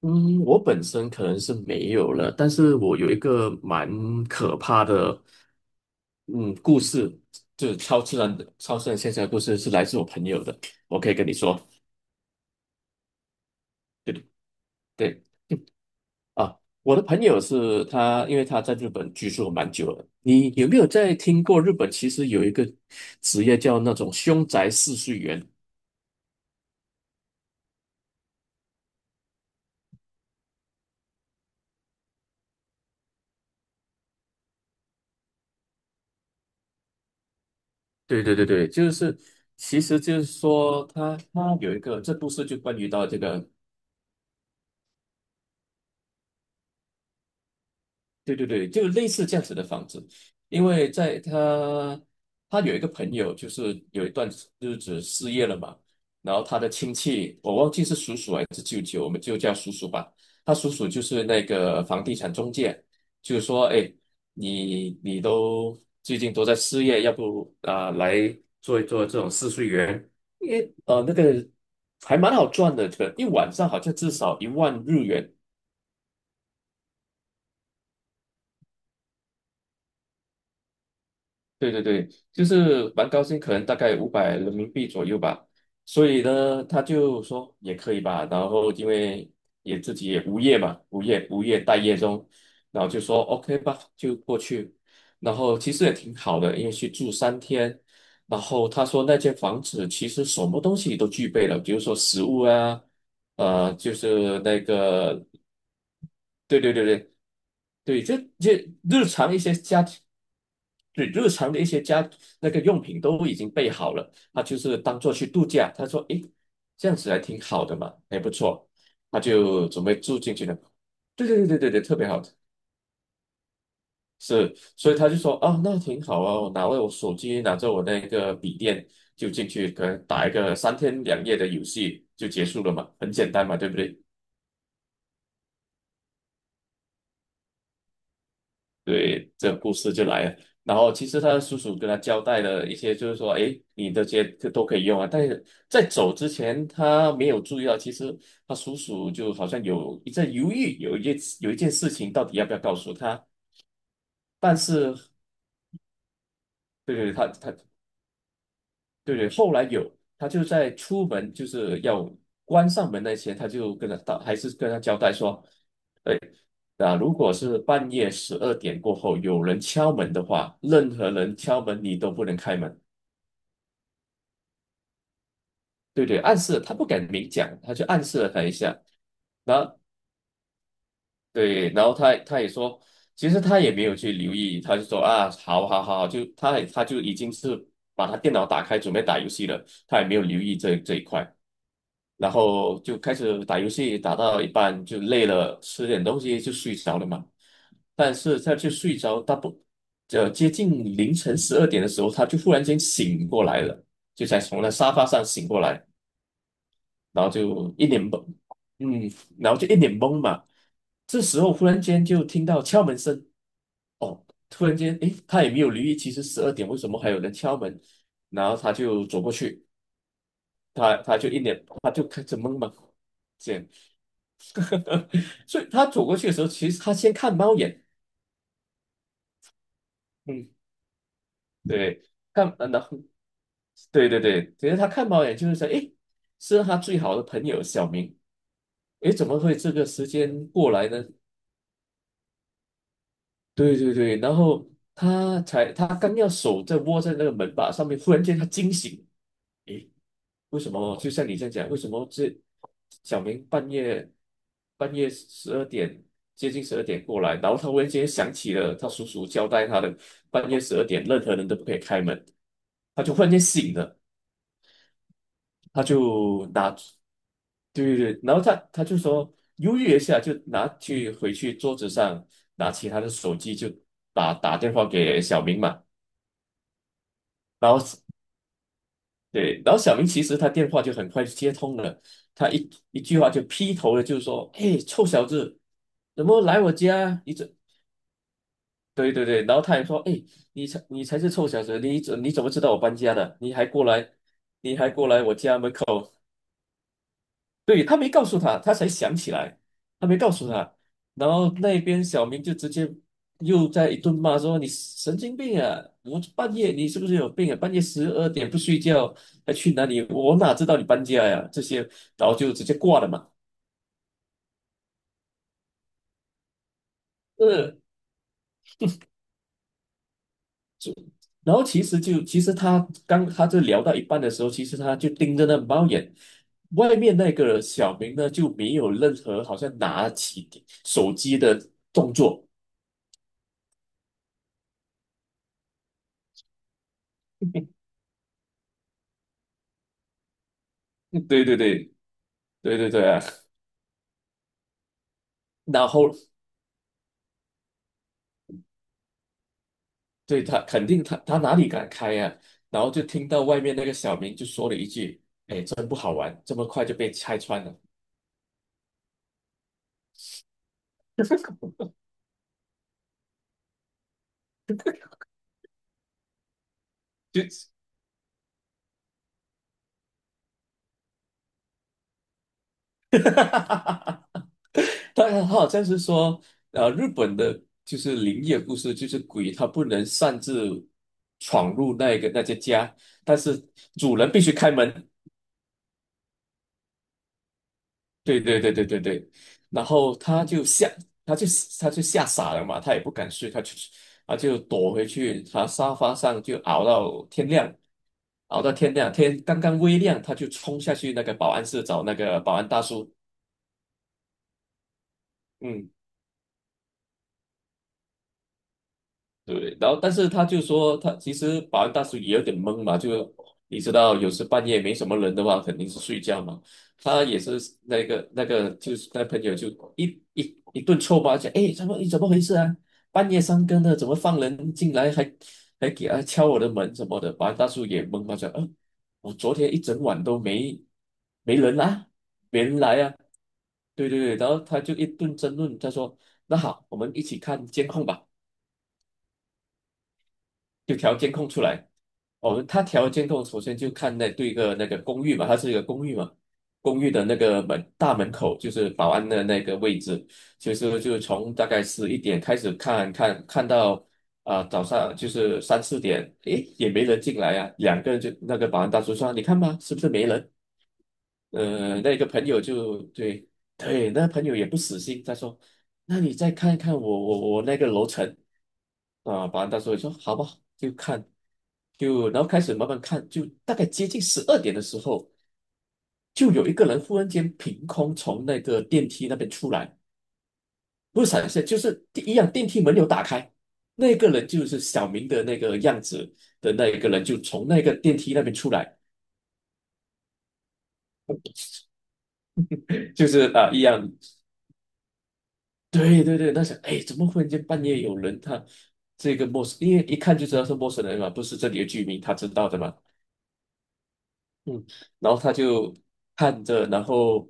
嗯，我本身可能是没有了，但是我有一个蛮可怕的，嗯，故事，就是超自然的、超自然现象的故事，是来自我朋友的，我可以跟你说。对对啊，我的朋友是他，因为他在日本居住蛮久了。你有没有在听过日本其实有一个职业叫那种凶宅试睡员？对对对对，就是，其实就是说他有一个，这故事就关于到这个对对对，就类似这样子的房子，因为在他有一个朋友，就是有一段日子失业了嘛，然后他的亲戚，我忘记是叔叔还是舅舅，我们就叫叔叔吧。他叔叔就是那个房地产中介，就是说，哎，你都最近都在失业，要不啊、来做一做这种试睡员，因为那个还蛮好赚的，这个一晚上好像至少1万日元，对对对，就是蛮高兴，可能大概500人民币左右吧。所以呢，他就说也可以吧。然后因为也自己也无业嘛，无业待业中，然后就说 OK 吧，就过去。然后其实也挺好的，因为去住三天。然后他说那间房子其实什么东西都具备了，比如说食物啊。就是那个，对对对对对，这日常一些家庭，对日常的一些家那个用品都已经备好了，他就是当做去度假。他说：“诶，这样子还挺好的嘛，还不错。”他就准备住进去了。对对对对对对，特别好的。是，所以他就说啊，那挺好啊，我拿了我手机，拿着我那个笔电就进去，可能打一个3天2夜的游戏就结束了嘛，很简单嘛，对不对？对，这个故事就来了。然后其实他的叔叔跟他交代了一些，就是说，哎，你的这些都可以用啊。但是在走之前，他没有注意到，其实他叔叔就好像有一阵犹豫，有一件事情到底要不要告诉他。但是，对对，他对对，后来有他就在出门就是要关上门那前，他就跟他到还是跟他交代说。那如果是半夜十二点过后有人敲门的话，任何人敲门你都不能开门。对对，暗示了他不敢明讲，他就暗示了他一下。然后对，然后他也说，其实他也没有去留意，他就说啊，好好好，就他也他就已经是把他电脑打开准备打游戏了，他也没有留意这一块。然后就开始打游戏，打到一半就累了，吃点东西就睡着了嘛。但是。接近凌晨十二点的时候，他就忽然间醒过来了，就才从那沙发上醒过来，然后就一脸懵，嗯，然后就一脸懵嘛。这时候忽然间就听到敲门声，哦，突然间，诶，他也没有留意，其实十二点为什么还有人敲门？然后他就走过去，他就一脸，他就开始懵嘛，这样，所以他走过去的时候，其实他先看猫眼，嗯，对，然后对对对，只是他看猫眼就是想，诶，是他最好的朋友小明，诶，怎么会这个时间过来呢？对对对，然后他刚要手在握在那个门把上面，忽然间他惊醒，为什么？就像你这样讲，为什么这小明半夜十二点接近十二点过来，然后他忽然间想起了他叔叔交代他的半夜十二点任何人都不可以开门，他就忽然间醒了。他就拿，对对对，然后他就说犹豫一下，就拿去回去桌子上拿起他的手机就打电话给小明嘛，然后对，然后小明其实他电话就很快就接通了，他一句话就劈头了，就说，哎，臭小子，怎么来我家？你怎？对对对，然后他也说，哎，你才是臭小子，你怎么知道我搬家的？你还过来？对，他没告诉他，他才想起来，他没告诉他。然后那边小明就直接又在一顿骂说：“你神经病啊！我半夜你是不是有病啊？半夜十二点不睡觉，还去哪里？我哪知道你搬家呀？这些，然后就直接挂了嘛。”呃，然后其实就其实他刚他就聊到一半的时候，其实他就盯着那猫眼。外面那个小明呢，就没有任何好像拿起手机的动作。对对对对对对对，然后对他肯定他哪里敢开呀、然后就听到外面那个小明就说了一句：“真不好玩，这么快就被拆穿了。就他好像是说，日本的就是灵异的故事，就是鬼他不能擅自闯入那个那些家，但是主人必须开门。对对对对对对，然后他就吓，他就他就吓傻了嘛，他也不敢睡，他就躲回去，他沙发上就熬到天亮，熬到天亮，天刚刚微亮，他就冲下去那个保安室找那个保安大叔，嗯。对，然后但是他就说，他其实保安大叔也有点懵嘛，就你知道，有时半夜没什么人的话，肯定是睡觉嘛。他也是那个那个，就是那朋友就一顿臭骂，讲，哎，怎么你怎么回事啊？半夜三更的，怎么放人进来还给他敲我的门什么的？保安大叔也懵嘛，讲，我昨天一整晚都没人啊，没人来啊。对对对，然后他就一顿争论，他说，那好，我们一起看监控吧。就调监控出来。哦，他调监控，首先就看那对一个那个公寓嘛，它是一个公寓嘛，公寓的那个门大门口就是保安的那个位置，其实就从大概11点开始看看看到啊、早上就是三四点，诶，也没人进来啊，两个人就那个保安大叔说，你看吧，是不是没人？那个朋友就对对，那朋友也不死心，他说：“那你再看一看我那个楼层啊。”保安大叔也说：“好吧，就看，就然后开始慢慢看，就大概接近十二点的时候，就有一个人忽然间凭空从那个电梯那边出来，不是闪现，就是第一样电梯门有打开，那个人就是小明的那个样子的那一个人，就从那个电梯那边出来，就是啊、一样。”对对对，那想，哎，怎么忽然间半夜有人他这个陌生，因为一看就知道是陌生人嘛，不是这里的居民，他知道的嘛。嗯，然后他就看着，然后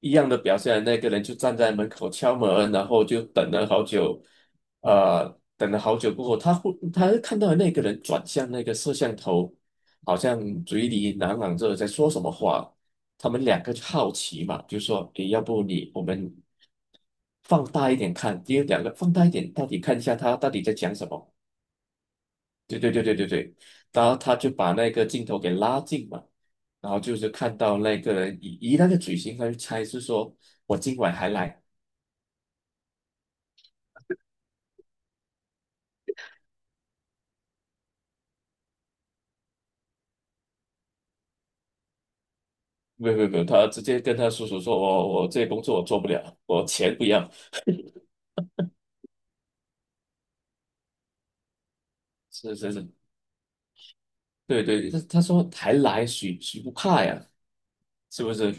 一样的表现，那个人就站在门口敲门，然后就等了好久，呃，等了好久过后，他看到那个人转向那个摄像头，好像嘴里喃喃着在说什么话，他们两个就好奇嘛，就说，诶，要不我们放大一点看，因为两个放大一点，到底看一下他到底在讲什么。对对对对对对，然后他就把那个镜头给拉近嘛，然后就是看到那个人以那个嘴型，他就猜是说我今晚还来，没有没有没有，他直接跟他叔叔说，我这工作我做不了，我钱不要，是是是，对对，他说还来，谁不怕呀？是不是？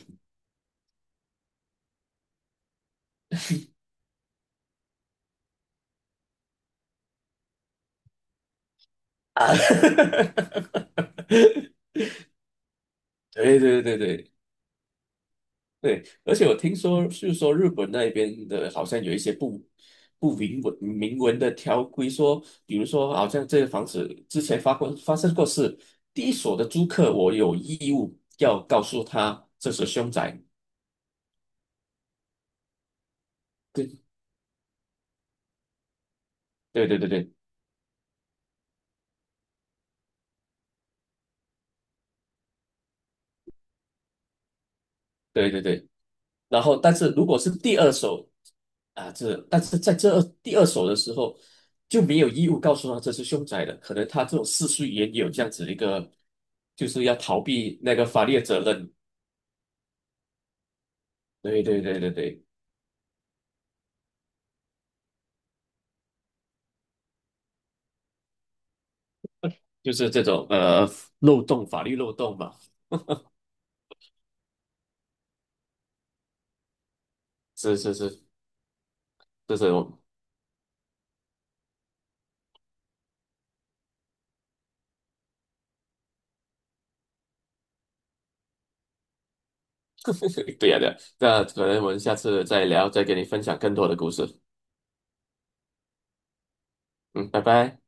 啊，对对对对对，而且我听说，就是说日本那边的，好像有一些不明文的条规说，比如说，好像这个房子之前发生过事，第一所的租客，我有义务要告诉他这是凶宅。对，对对对对对对对。然后，但是如果是第二手啊，这但是在这二第二手的时候就没有义务告诉他这是凶宅的，可能他这种世俗也有这样子一个，就是要逃避那个法律的责任。对对对对对，就是这种漏洞，法律漏洞嘛。是是是，这是我 对呀、对呀、那可能我们下次再聊，再给你分享更多的故事。嗯，拜拜。